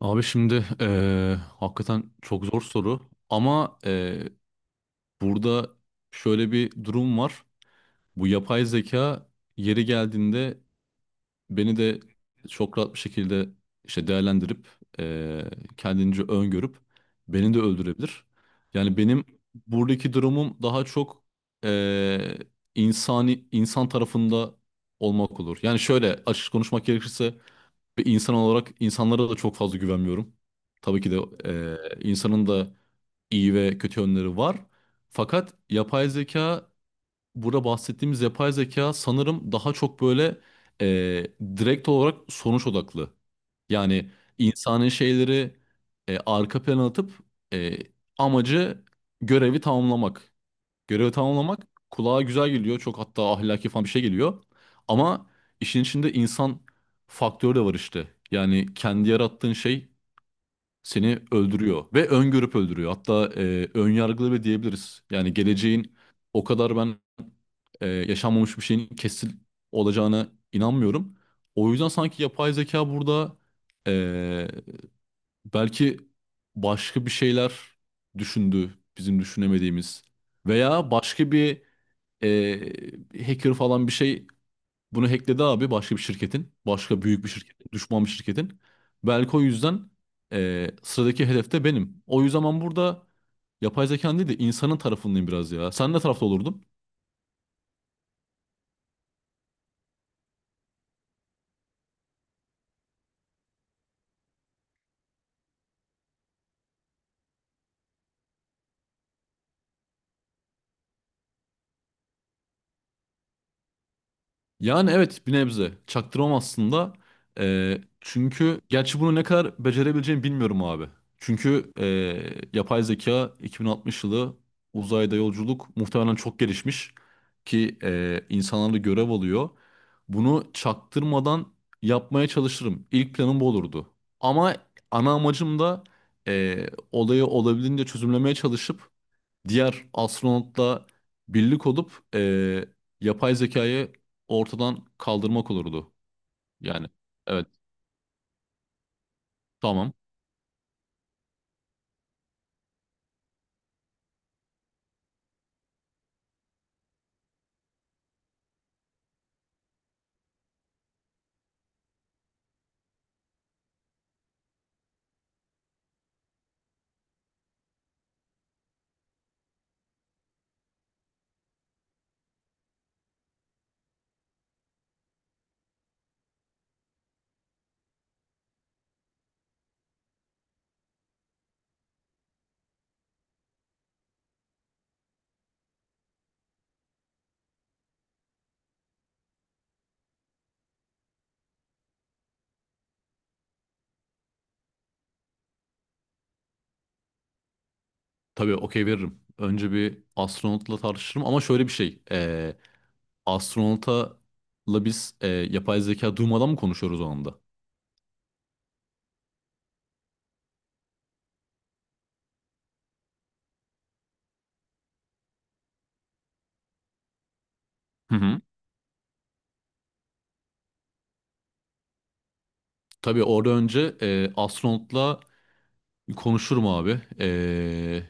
Abi şimdi hakikaten çok zor soru ama burada şöyle bir durum var. Bu yapay zeka yeri geldiğinde beni de çok rahat bir şekilde işte değerlendirip eee kendince öngörüp beni de öldürebilir. Yani benim buradaki durumum daha çok eee, insani insan tarafında olmak olur. Yani şöyle açık konuşmak gerekirse bir insan olarak insanlara da çok fazla güvenmiyorum. Tabii ki de insanın da iyi ve kötü yönleri var. Fakat yapay zeka, burada bahsettiğimiz yapay zeka sanırım daha çok böyle e, direkt olarak sonuç odaklı. Yani insanın şeyleri arka plana atıp e, amacı görevi tamamlamak. Görevi tamamlamak kulağa güzel geliyor. Çok hatta ahlaki falan bir şey geliyor. Ama işin içinde insan faktörü de var işte. Yani kendi yarattığın şey seni öldürüyor ve öngörüp öldürüyor. Hatta ön yargılı bile diyebiliriz. Yani geleceğin o kadar ben yaşanmamış bir şeyin kesin olacağına inanmıyorum. O yüzden sanki yapay zeka burada e, belki başka bir şeyler düşündü bizim düşünemediğimiz veya başka bir ee, hacker falan bir şey bunu hackledi abi başka bir şirketin. Başka büyük bir şirketin. Düşman bir şirketin. Belki o yüzden sıradaki hedefte benim. O yüzden ben burada yapay zekanın değil de insanın tarafındayım biraz ya. Sen ne tarafta olurdun? Yani evet bir nebze. Çaktırmam aslında. Çünkü gerçi bunu ne kadar becerebileceğimi bilmiyorum abi. Çünkü yapay zeka 2060 yılı uzayda yolculuk muhtemelen çok gelişmiş ki insanlar görev alıyor. Bunu çaktırmadan yapmaya çalışırım. İlk planım bu olurdu. Ama ana amacım da ee, olayı olabildiğince çözümlemeye çalışıp diğer astronotla birlik olup yapay zekayı ortadan kaldırmak olurdu. Yani evet tamam tabii okey veririm. Önce bir astronotla tartışırım ama şöyle bir şey astronotla biz yapay zeka duymadan mı konuşuyoruz o anda? Hı hı. Tabii orada önce astronotla konuşurum abi.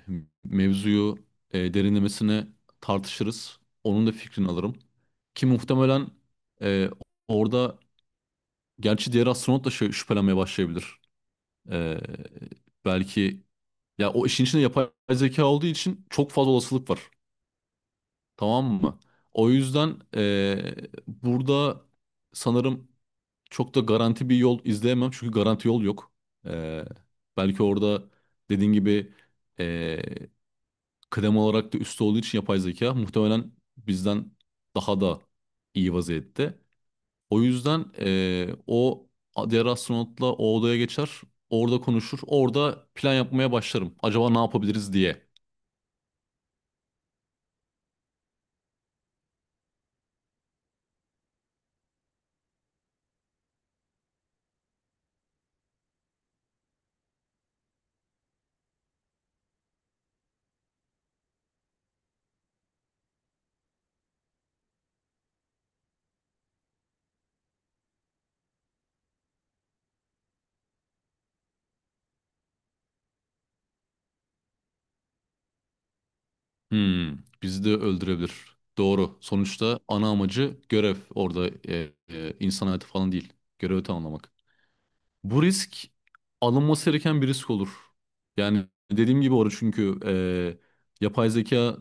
Mevzuyu derinlemesine tartışırız. Onun da fikrini alırım. Ki muhtemelen e, orada gerçi diğer astronot da şey, şüphelenmeye başlayabilir. Ee, Belki ya o işin içinde yapay zeka olduğu için çok fazla olasılık var. Tamam mı? O yüzden burada sanırım çok da garanti bir yol izleyemem. Çünkü garanti yol yok. Ee, Belki orada dediğin gibi e, kıdem olarak da üstte olduğu için yapay zeka muhtemelen bizden daha da iyi vaziyette. O yüzden o diğer astronotla o odaya geçer. Orada konuşur. Orada plan yapmaya başlarım. Acaba ne yapabiliriz diye. Hmm, bizi de öldürebilir. Doğru. Sonuçta ana amacı görev. Orada insan hayatı falan değil. Görevi tamamlamak. Bu risk alınması gereken bir risk olur. Yani dediğim gibi orada çünkü yapay zeka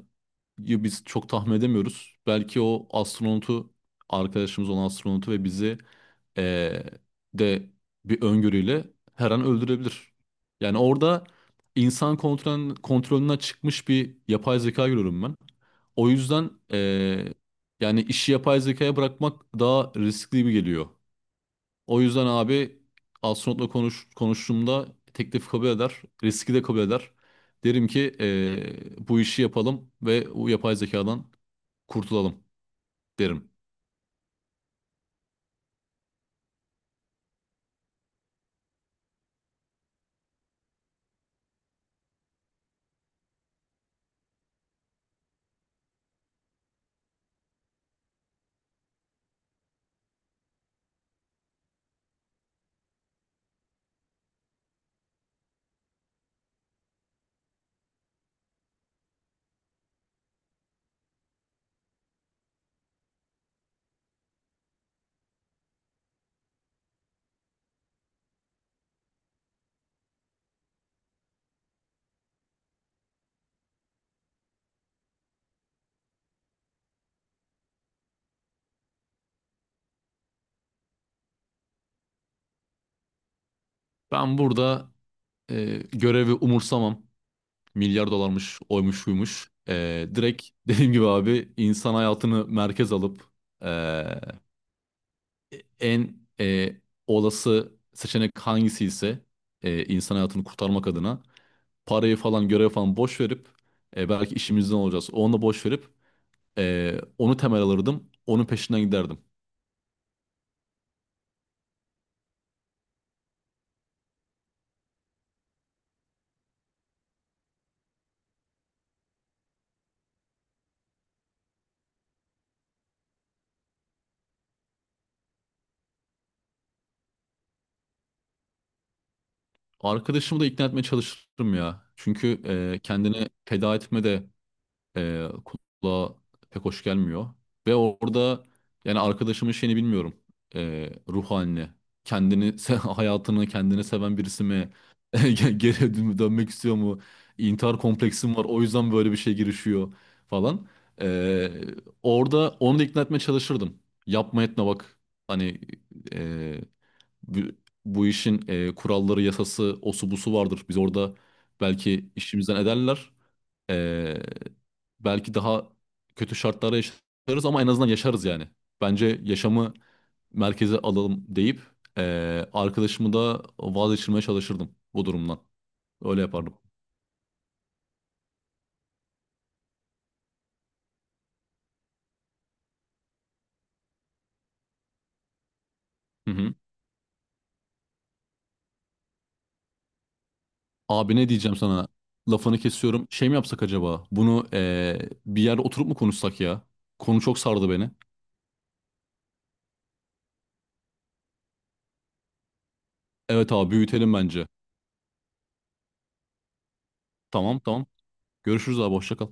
ya biz çok tahmin edemiyoruz. Belki o astronotu arkadaşımız olan astronotu ve bizi eee, de bir öngörüyle her an öldürebilir. Yani orada kontrolünden çıkmış bir yapay zeka görüyorum ben. O yüzden yani işi yapay zekaya bırakmak daha riskli gibi geliyor. O yüzden abi konuştuğumda teklif kabul eder. Riski de kabul eder. Derim ki bu işi yapalım ve bu yapay zekadan kurtulalım derim. Ben burada görevi umursamam. Milyar dolarmış, oymuş, buymuş. Direkt dediğim gibi abi insan hayatını merkez alıp eee, en olası seçenek hangisi ise insan hayatını kurtarmak adına parayı falan görev falan boş verip belki işimizden olacağız. Onu boş verip onu temel alırdım. Onun peşinden giderdim. Arkadaşımı da ikna etmeye çalışırım ya. Çünkü kendini feda etme de e, kulağa pek hoş gelmiyor. Ve orada yani arkadaşımın şeyini bilmiyorum. Ruh halini, hayatını kendini seven birisi mi? Geri dönmek istiyor mu? İntihar kompleksim var o yüzden böyle bir şey girişiyor falan. E, Orada onu da ikna etmeye çalışırdım. Yapma etme bak. Hani e, bu, bu işin kuralları, yasası, osu busu vardır. Biz orada belki işimizden ederler. Belki daha kötü şartlarda yaşarız ama en azından yaşarız yani. Bence yaşamı merkeze alalım deyip arkadaşımı da vazgeçirmeye çalışırdım bu durumdan. Öyle yapardım. Hı hı. Abi ne diyeceğim sana? Lafını kesiyorum. Şey mi yapsak acaba? Bunu bir yerde oturup mu konuşsak ya? Konu çok sardı beni. Evet abi büyütelim bence. Tamam tamam. Görüşürüz abi hoşça kal.